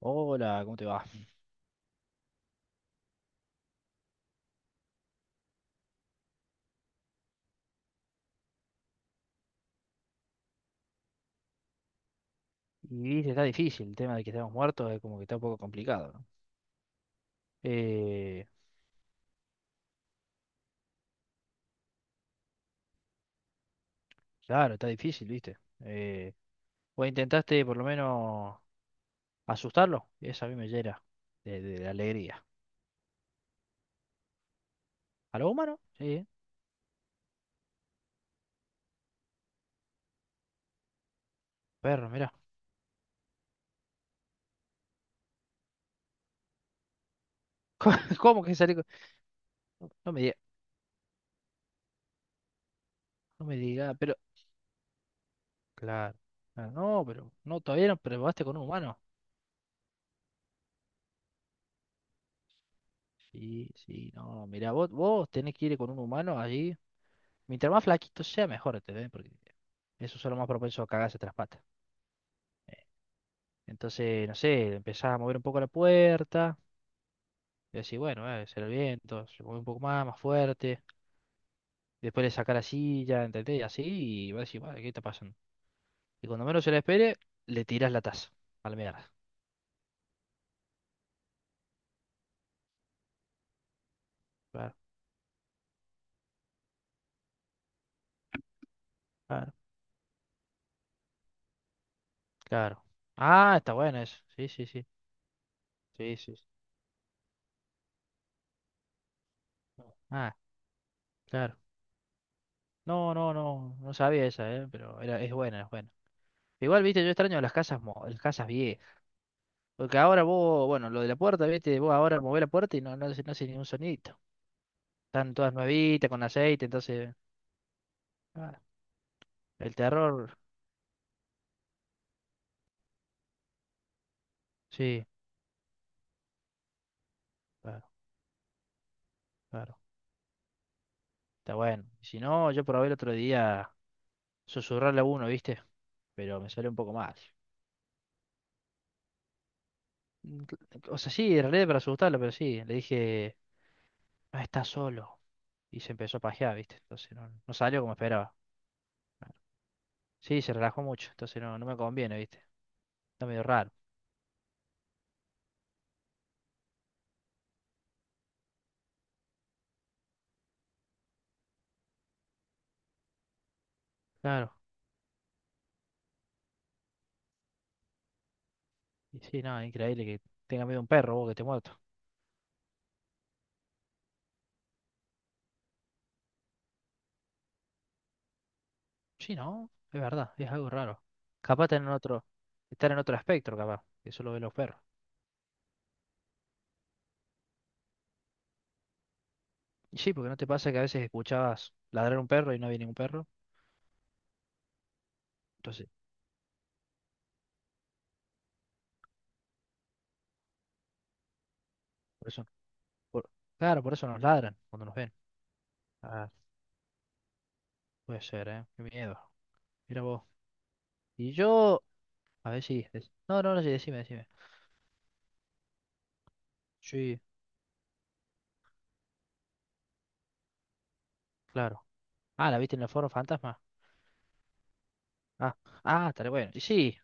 Hola, ¿cómo te va? Y viste, está difícil el tema de que estamos muertos, es como que está un poco complicado, ¿no? Eh, claro, está difícil, viste. Vos intentaste por lo menos asustarlo, eso a mí me llena de alegría. ¿A lo humano? Sí, ¿eh? Perro, mirá. ¿Cómo que salió? No me diga, no me diga, pero. Claro, claro, no, pero no, todavía no probaste con un humano. Sí, sí, no, mirá, vos tenés que ir con un humano allí. Mientras más flaquito sea, mejor, ¿entendés? Porque eso es lo más propenso a cagarse tras patas. Entonces, no sé, empezaba a mover un poco la puerta. Y así, bueno, será el viento, se mueve un poco más, más fuerte. Después le saca la silla, ¿entendés? Y así, y va a decir, "Bueno, ¿qué está pasando?" Y cuando menos se la espere, le tirás la taza. A la mierda. Claro, claro, claro. Ah, está bueno eso. Sí, sí, sí. Sí, sí, sí. Ah, claro. No, no, no, no sabía esa, ¿eh? Pero era, es buena, es buena. Igual, viste, yo extraño las casas, las casas viejas. Porque ahora vos, bueno, lo de la puerta, viste, vos ahora movés la puerta y no, no, hace no hace ningún sonidito. Están todas nuevitas, con aceite, entonces, ah, el terror, sí, claro, claro, está bueno. Si no, yo probé el otro día susurrarle a uno, ¿viste? Pero me salió un poco mal. O sea, sí, en realidad para asustarlo, pero sí, le dije, no estás solo. Y se empezó a pajear, ¿viste? Entonces no, no salió como esperaba. Sí, se relajó mucho, entonces no, no me conviene, ¿viste? Está medio raro, claro. Y sí, no, increíble que tenga miedo a un perro, vos que te muerto. Sí, ¿no? Es verdad, es algo raro. Capaz están en otro, estar en otro espectro, capaz, que solo ve los perros. Y sí, porque no te pasa que a veces escuchabas ladrar un perro y no había ningún perro. Entonces, por eso, por- claro, por eso nos ladran cuando nos ven. Ah, puede ser, ¿eh? Qué miedo. Mira vos. Y yo, a ver si, no, no, no, sí, decime, decime. Sí, claro. Ah, ¿la viste en el foro fantasma? Ah, ah, estaré bueno. Y sí,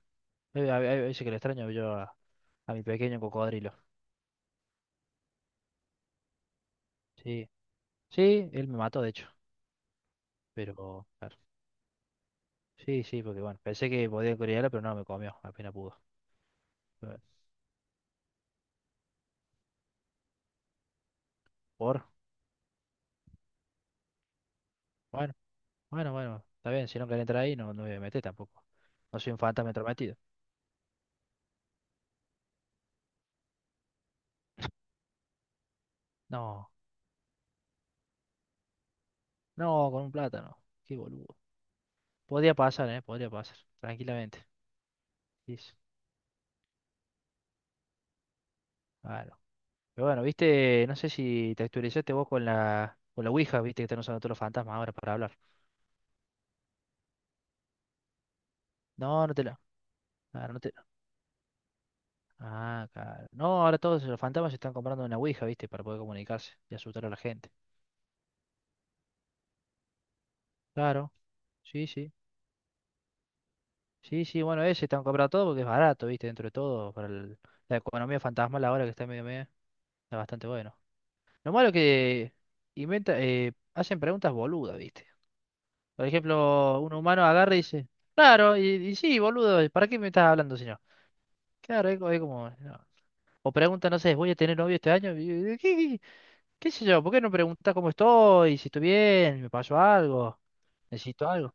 a, a veces que le extraño yo a mi pequeño cocodrilo. Sí, sí, él me mató, de hecho, pero... claro. Sí, sí, porque bueno, pensé que podía corearla, pero no, me comió, apenas pudo. Eh, Por, bueno, bueno, bueno, está bien, si no quieren entrar ahí, no, no me voy a meter tampoco. No soy un fantasma entrometido. No, no, con un plátano, qué boludo. Podría pasar, tranquilamente. Sí, sí, claro. Pero bueno, viste, no sé si te actualizaste vos con la Ouija, viste que están usando todos los fantasmas ahora para hablar. No, no te la, ah, no te ah, claro. No, ahora todos los fantasmas se están comprando una Ouija, viste, para poder comunicarse y asustar a la gente. Claro, sí, sí. Sí, sí, bueno, ese están comprando todo porque es barato, viste, dentro de todo, la economía fantasmal ahora que está medio medio, está bastante bueno. Lo malo que inventa, hacen preguntas boludas, viste. Por ejemplo, un humano agarra y dice, claro, y sí, boludo, ¿para qué me estás hablando si no? Claro, es como, no. O pregunta, no sé, ¿voy a tener novio este año? Y yo, ¿Qué sé yo? ¿Por qué no preguntas cómo estoy? Si estoy bien, me pasó algo, necesito algo.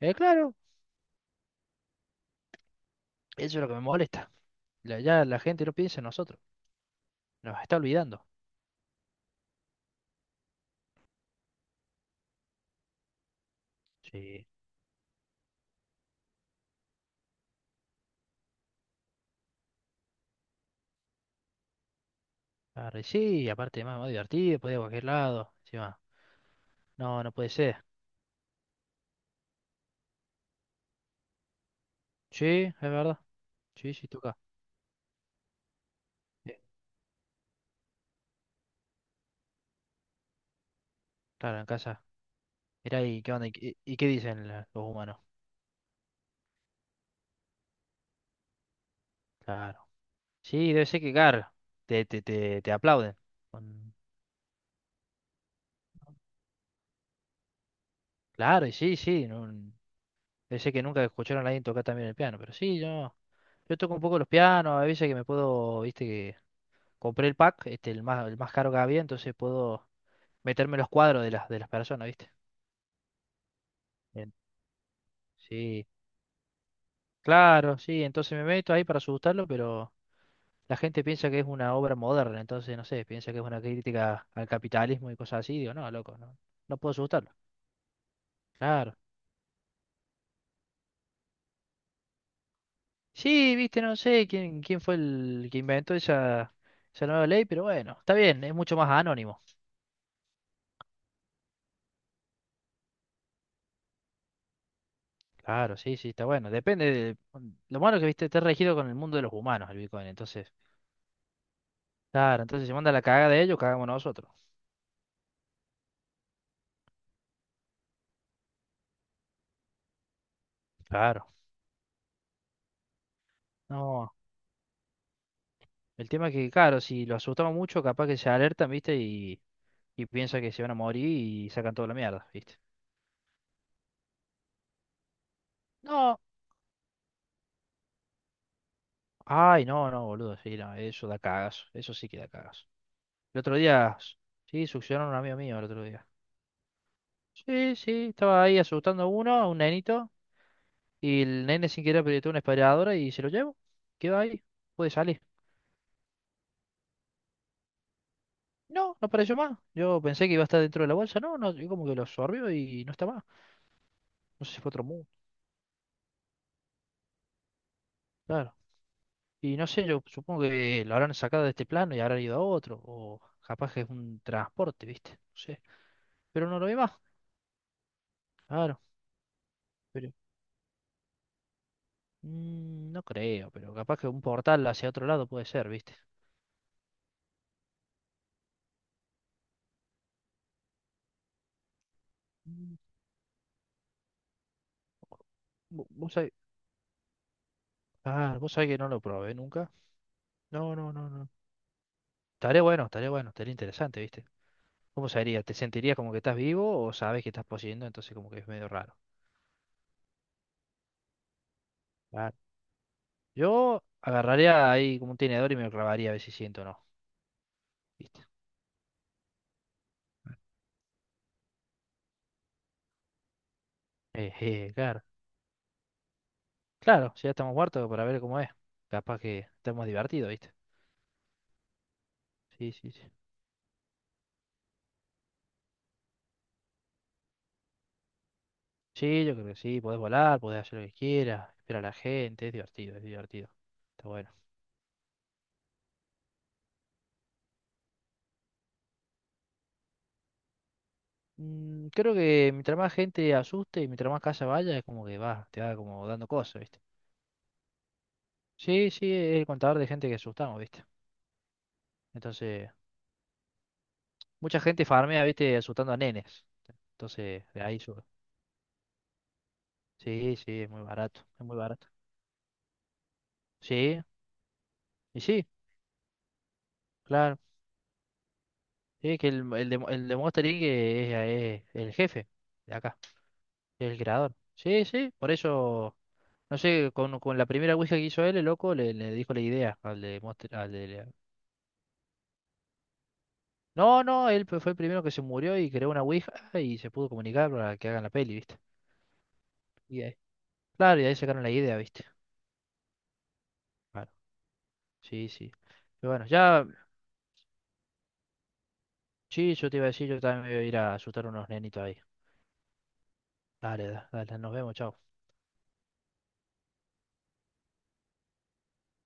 Claro, eso es lo que me molesta. Ya la gente no piensa en nosotros, nos está olvidando. Sí, arre, sí, aparte más, más divertido, puede ir a cualquier lado, encima. No, no puede ser. Sí, es verdad. Sí, sí, toca. Eh, Claro, en casa. Mirá, ¿y qué onda? ¿Y qué dicen los humanos? Claro. Sí, debe ser que, claro, te aplauden. Con- Claro, y sí, sí. Debe ser que nunca escucharon a alguien tocar también el piano, pero sí, yo toco un poco los pianos, a veces que me puedo, viste, que compré el pack, este, el más caro que había, entonces puedo meterme en los cuadros de las personas, viste. Bien. Sí. Claro, sí, entonces me meto ahí para asustarlo, pero la gente piensa que es una obra moderna, entonces no sé, piensa que es una crítica al capitalismo y cosas así, digo, no, loco, no, no puedo asustarlo. Claro. Sí, viste, no sé quién fue el que inventó esa nueva ley, pero bueno, está bien, es mucho más anónimo. Claro, sí, sí, está bueno. Depende de, lo malo es que viste, está regido con el mundo de los humanos el Bitcoin, entonces, claro, entonces si se manda la cagada de ellos, cagamos nosotros. Claro. No, el tema es que, claro, si lo asustamos mucho, capaz que se alertan, viste, y piensa que se van a morir y sacan toda la mierda, ¿viste? No, ay, no, no, boludo, sí, no, eso da cagazo, eso sí que da cagazo. El otro día, sí, succionaron a un amigo mío el otro día. Sí, sí, estaba ahí asustando a uno, a un nenito, y el nene sin querer apretó una aspiradora y se lo llevo, quedó ahí, puede salir. No, no apareció más. Yo pensé que iba a estar dentro de la bolsa, no, no, yo como que lo absorbió y no está más. No sé si fue a otro mundo. Claro. Y no sé, yo supongo que lo habrán sacado de este plano y habrán ido a otro, o capaz que es un transporte, ¿viste? No sé, pero no lo ve más, claro, pero no creo, pero capaz que un portal hacia otro lado puede ser, ¿viste? Mm, vo- Vos sabés, vos sabés que no lo probé nunca. No, no, no, no. Estaría bueno, estaría bueno, estaría interesante, ¿viste? ¿Cómo sería? ¿Te sentirías como que estás vivo o sabes que estás poseyendo? Entonces como que es medio raro. Claro. Yo agarraría ahí como un tenedor y me lo clavaría a ver si siento o no, ¿viste? Claro. Claro, si ya estamos muertos para ver cómo es. Capaz que estamos divertidos, ¿viste? Sí, sí, sí. Sí, yo creo que sí. Podés volar, podés hacer lo que quieras, esperar a la gente. Es divertido, es divertido. Está bueno. Creo que mientras más gente asuste y mientras más casa vaya, es como que va, te va como dando cosas, ¿viste? Sí, sí, es el contador de gente que asustamos, ¿viste? Entonces, mucha gente farmea, ¿viste? Asustando a nenes. Entonces, de ahí sube. Sí, sí, es muy barato, es muy barato. Sí, y sí, claro. Sí, que el, el de Monster Inc. es el jefe de acá, es el creador. Sí, sí, por eso, no sé, con la primera Ouija que hizo él, el loco le dijo la idea al de Monster, al de... No, no, él fue el primero que se murió y creó una Ouija y se pudo comunicar para que hagan la peli, ¿viste? Y ahí- claro, y ahí sacaron la idea, ¿viste? Claro, sí, sí. Pero bueno, ya, sí, yo te iba a decir, yo también me voy a ir a asustar a unos nenitos ahí. Dale, dale, nos vemos, chao.